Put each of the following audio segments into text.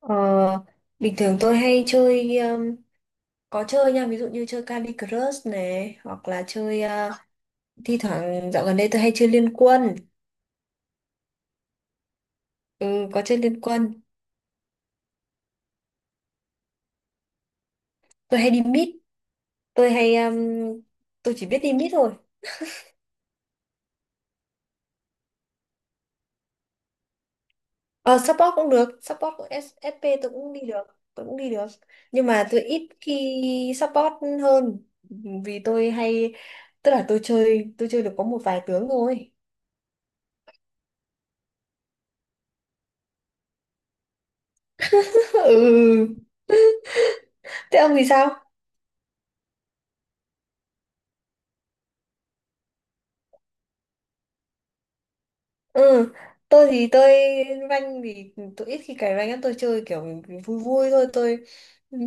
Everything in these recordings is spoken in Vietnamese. Ờ, bình thường tôi hay chơi có chơi nha, ví dụ như chơi Candy Crush này, hoặc là chơi thi thoảng dạo gần đây tôi hay chơi Liên Quân. Ừ, có chơi Liên Quân. Tôi hay đi mid. Tôi hay tôi chỉ biết đi mid thôi. Ờ, support cũng được, support của SP tôi cũng đi được. tôi cũng đi được nhưng mà tôi ít khi support hơn, vì tôi hay, tức là tôi chơi, tôi chơi được có một vài tướng thôi. Ừ, thế ông thì sao? Ừ, tôi thì tôi rank thì tôi ít khi cày rank lắm, tôi chơi kiểu vui vui thôi. Tôi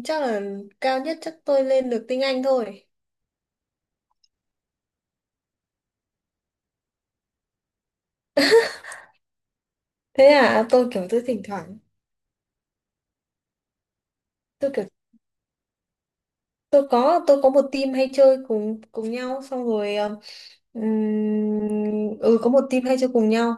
chắc là cao nhất chắc tôi lên được tinh Anh thôi. Thế à, tôi kiểu tôi thỉnh thoảng, tôi kiểu tôi có một team hay chơi cùng cùng nhau, xong rồi ừ, có một team hay chơi cùng nhau.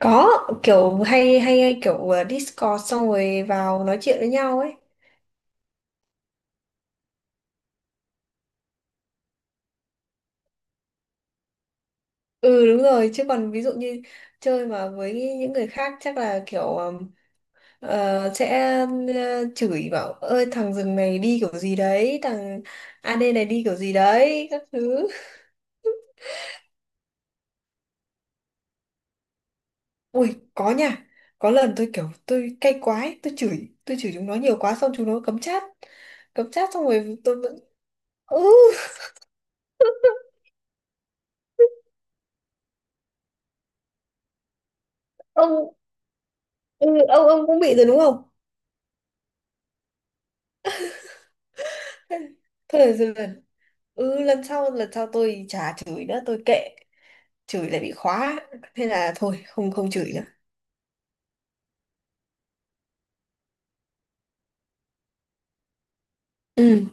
Có, kiểu hay hay, hay kiểu Discord xong rồi vào nói chuyện với nhau ấy. Ừ đúng rồi, chứ còn ví dụ như chơi mà với những người khác chắc là kiểu sẽ chửi bảo, ơi thằng rừng này đi kiểu gì đấy, thằng AD này đi kiểu gì đấy các thứ. Ui có nha, có lần tôi kiểu tôi cay quá ấy, tôi chửi, chúng nó nhiều quá, xong chúng nó cấm chat. Cấm chat xong rồi tôi vẫn, ừ. Ông ừ, ông ông cũng bị rồi đúng không? Thôi được rồi dần, ừ, lần sau, tôi chả chửi nữa, tôi kệ. Chửi lại bị khóa, thế là thôi, không không chửi nữa. Ừ,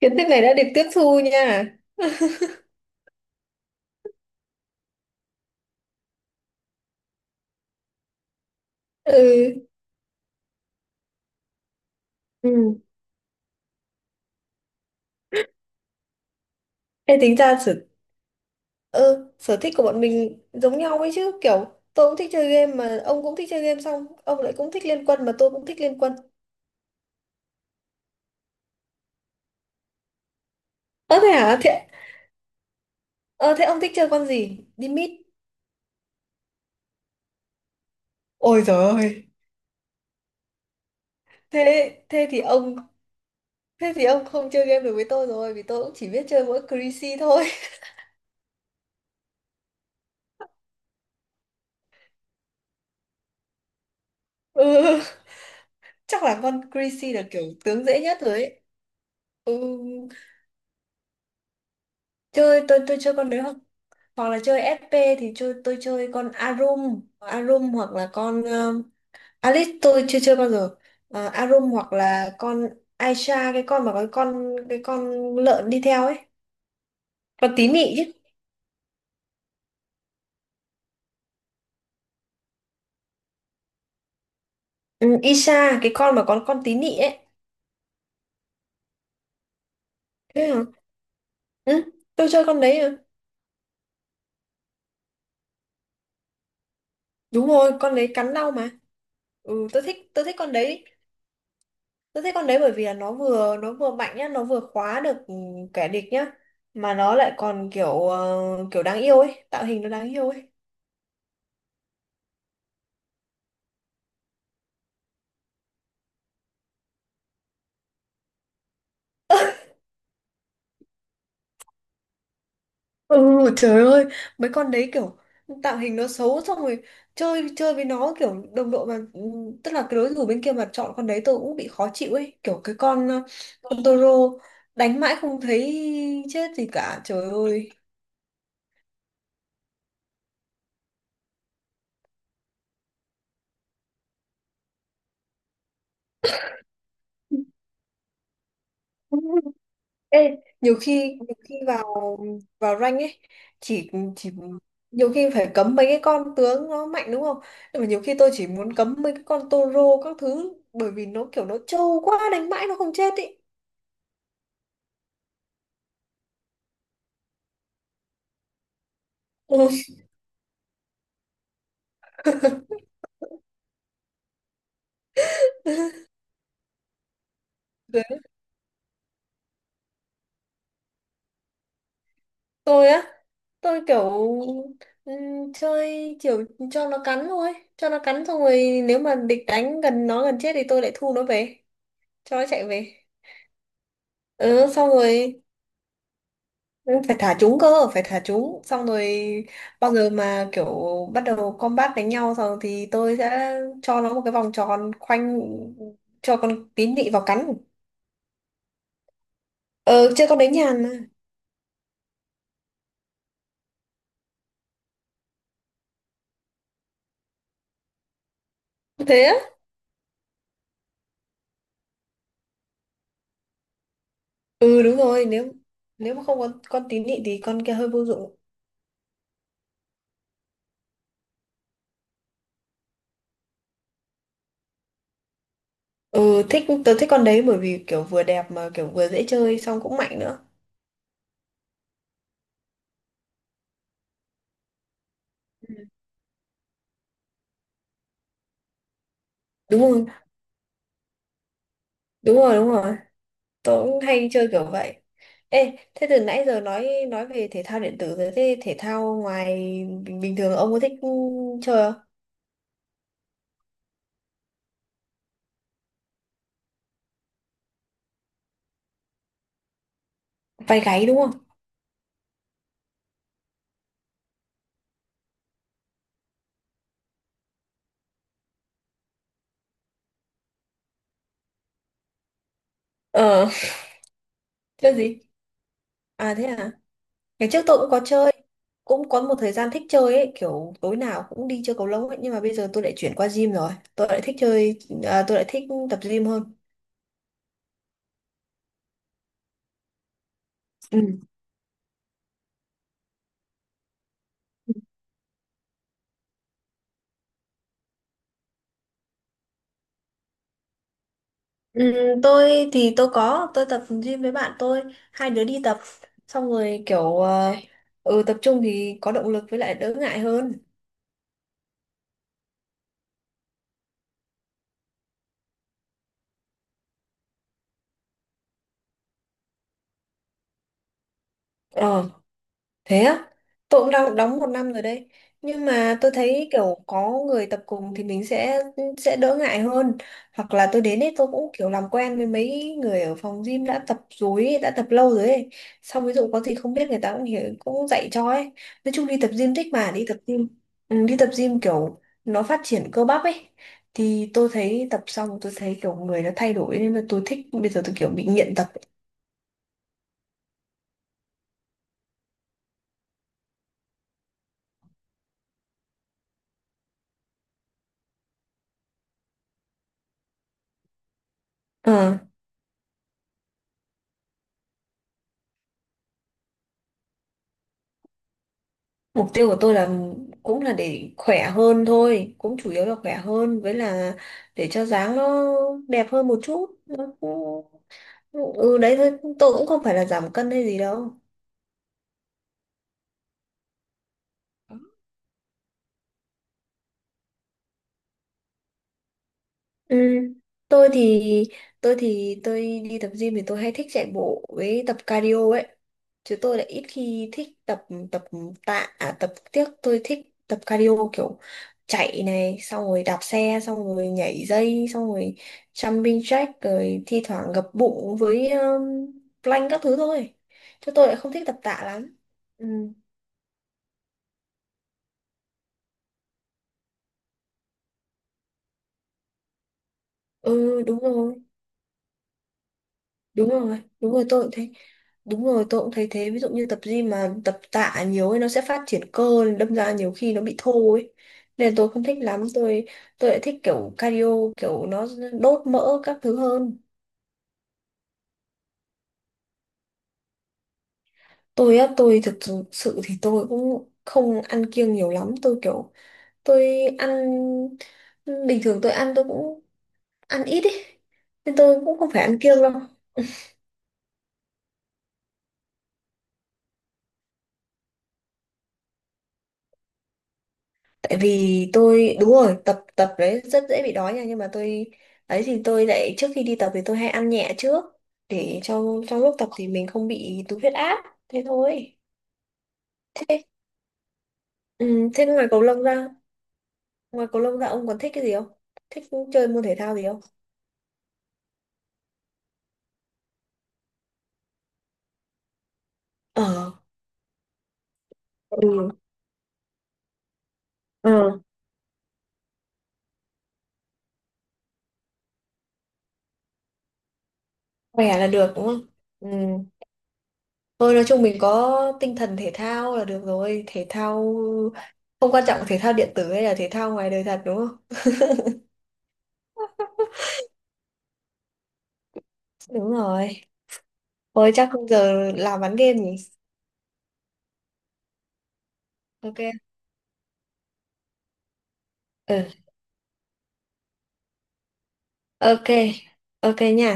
kiến thức này đã được tiếp thu nha. Ừ. Ừ. Ê, tính ra sở, sở thích của bọn mình giống nhau ấy chứ, kiểu tôi cũng thích chơi game mà ông cũng thích chơi game, xong ông lại cũng thích Liên Quân mà tôi cũng thích Liên Quân. Ơ thế hả? Thế ông thích chơi con gì đi mid? Ôi giời ơi! Thế thế thì ông Thế thì ông không chơi game được với tôi rồi, vì tôi cũng chỉ biết chơi mỗi Chrissy thôi. Ừ, chắc là con Chrissy là kiểu tướng dễ nhất rồi ấy. Ừ, chơi, tôi chơi con đấy, hoặc hoặc là chơi SP thì chơi tôi chơi con Arum Arum, hoặc là con Alice tôi chưa chơi bao giờ. À, Arum, hoặc là con Aisha, cái con mà có cái con lợn đi theo ấy. Con tí nị chứ. Ừ, Isha, cái con mà có con tí nị ấy. Thế hả? Ừ, tôi chơi con đấy à? Đúng rồi, con đấy cắn đau mà. Ừ, tôi thích con đấy. Tôi thích con đấy bởi vì là nó vừa mạnh nhá, nó vừa khóa được, kẻ địch nhá, mà nó lại còn kiểu đáng yêu ấy, tạo hình nó đáng yêu ấy. Ừ, trời ơi, mấy con đấy kiểu tạo hình nó xấu, xong rồi chơi chơi với nó kiểu đồng đội, mà tức là cái đối thủ bên kia mà chọn con đấy tôi cũng bị khó chịu ấy, kiểu cái con con Toro, đánh mãi không thấy chết gì cả, trời ơi. Ê, nhiều khi nhiều khi vào vào rank ấy, chỉ chỉ nhiều khi phải cấm mấy cái con tướng nó mạnh đúng không. Nhưng mà nhiều khi tôi chỉ muốn cấm mấy cái con Toro các thứ, bởi vì nó kiểu nó trâu quá, đánh mãi nó không chết ý. Ừ. Đến lúc tôi á, tôi kiểu chơi kiểu cho nó cắn thôi, cho nó cắn xong rồi nếu mà địch đánh gần nó gần chết thì tôi lại thu nó về, cho nó chạy về. Ừ, xong rồi, ừ, phải thả chúng cơ, phải thả chúng. Xong rồi bao giờ mà kiểu bắt đầu combat đánh nhau rồi thì tôi sẽ cho nó một cái vòng tròn khoanh cho con tín nị vào cắn. Ờ, chơi con đấy nhàn mà. Thế á? Ừ đúng rồi, nếu nếu mà không có con tín nhị thì con kia hơi vô dụng. Ừ, thích, tớ thích con đấy bởi vì kiểu vừa đẹp mà kiểu vừa dễ chơi xong cũng mạnh nữa. Ừ. Đúng rồi, đúng rồi, đúng rồi. Tớ cũng hay chơi kiểu vậy. Ê, thế từ nãy giờ nói về thể thao điện tử rồi, thế thể thao ngoài, bình thường ông có thích chơi không? Vai gáy đúng không? Ờ, chơi gì? À thế à? Ngày trước tôi cũng có chơi. Cũng có một thời gian thích chơi ấy, kiểu tối nào cũng đi chơi cầu lông ấy, nhưng mà bây giờ tôi lại chuyển qua gym rồi. Tôi lại thích à, tôi lại thích tập gym hơn. Ừ, tôi thì tôi tập gym với bạn tôi, hai đứa đi tập xong rồi kiểu ừ, tập trung thì có động lực với lại đỡ ngại hơn. Thế á, tôi cũng đang đóng một năm rồi đấy. Nhưng mà tôi thấy kiểu có người tập cùng thì mình sẽ đỡ ngại hơn. Hoặc là tôi đến ấy tôi cũng kiểu làm quen với mấy người ở phòng gym đã tập rồi ấy, đã tập lâu rồi ấy. Xong ví dụ có gì không biết người ta cũng hiểu, cũng dạy cho ấy. Nói chung đi tập gym thích mà đi tập gym. Ừ, đi tập gym kiểu nó phát triển cơ bắp ấy. Thì tôi thấy tập xong tôi thấy kiểu người nó thay đổi, nên là tôi thích, bây giờ tôi kiểu bị nghiện tập. Ấy. Mục tiêu của tôi là cũng là để khỏe hơn thôi, cũng chủ yếu là khỏe hơn với là để cho dáng nó đẹp hơn một chút. Nó cũng. Ừ đấy thôi, tôi cũng không phải là giảm cân hay gì đâu. Ừ. Ừ. Tôi thì tôi đi tập gym thì tôi hay thích chạy bộ với tập cardio ấy. Chứ tôi lại ít khi thích tập tập tạ à, tập tiếc, tôi thích tập cardio kiểu chạy này xong rồi đạp xe xong rồi nhảy dây xong rồi jumping jack rồi thi thoảng gập bụng với plank các thứ thôi, chứ tôi lại không thích tập tạ lắm. Ừ. Ừ đúng rồi, đúng rồi, đúng rồi, tôi cũng thấy, đúng rồi, tôi cũng thấy thế, ví dụ như tập gym mà tập tạ nhiều ấy nó sẽ phát triển cơ đâm ra nhiều khi nó bị thô ấy, nên là tôi không thích lắm. Tôi lại thích kiểu cardio, kiểu nó đốt mỡ các thứ hơn. Tôi á, tôi thực sự sự thì tôi cũng không ăn kiêng nhiều lắm, tôi kiểu tôi ăn, bình thường tôi ăn tôi cũng ăn ít ấy, nên tôi cũng không phải ăn kiêng đâu. Tại vì tôi, đúng rồi, tập tập đấy rất dễ bị đói nha, nhưng mà tôi ấy thì tôi lại trước khi đi tập thì tôi hay ăn nhẹ trước, để trong trong lúc tập thì mình không bị tụt huyết áp, thế thôi. Thế ừ, thế ngoài cầu lông ra ông còn thích cái gì không, thích chơi môn thể thao gì không? Ờ. Ừ. Ừ. Khỏe là được đúng không. Ừ, thôi nói chung mình có tinh thần thể thao là được rồi, thể thao không quan trọng, thể thao điện tử hay là thể thao ngoài đời thật đúng không. Đúng rồi. Ôi chắc không, giờ làm bán game nhỉ? Ok. Ừ. Ok. Ok nha.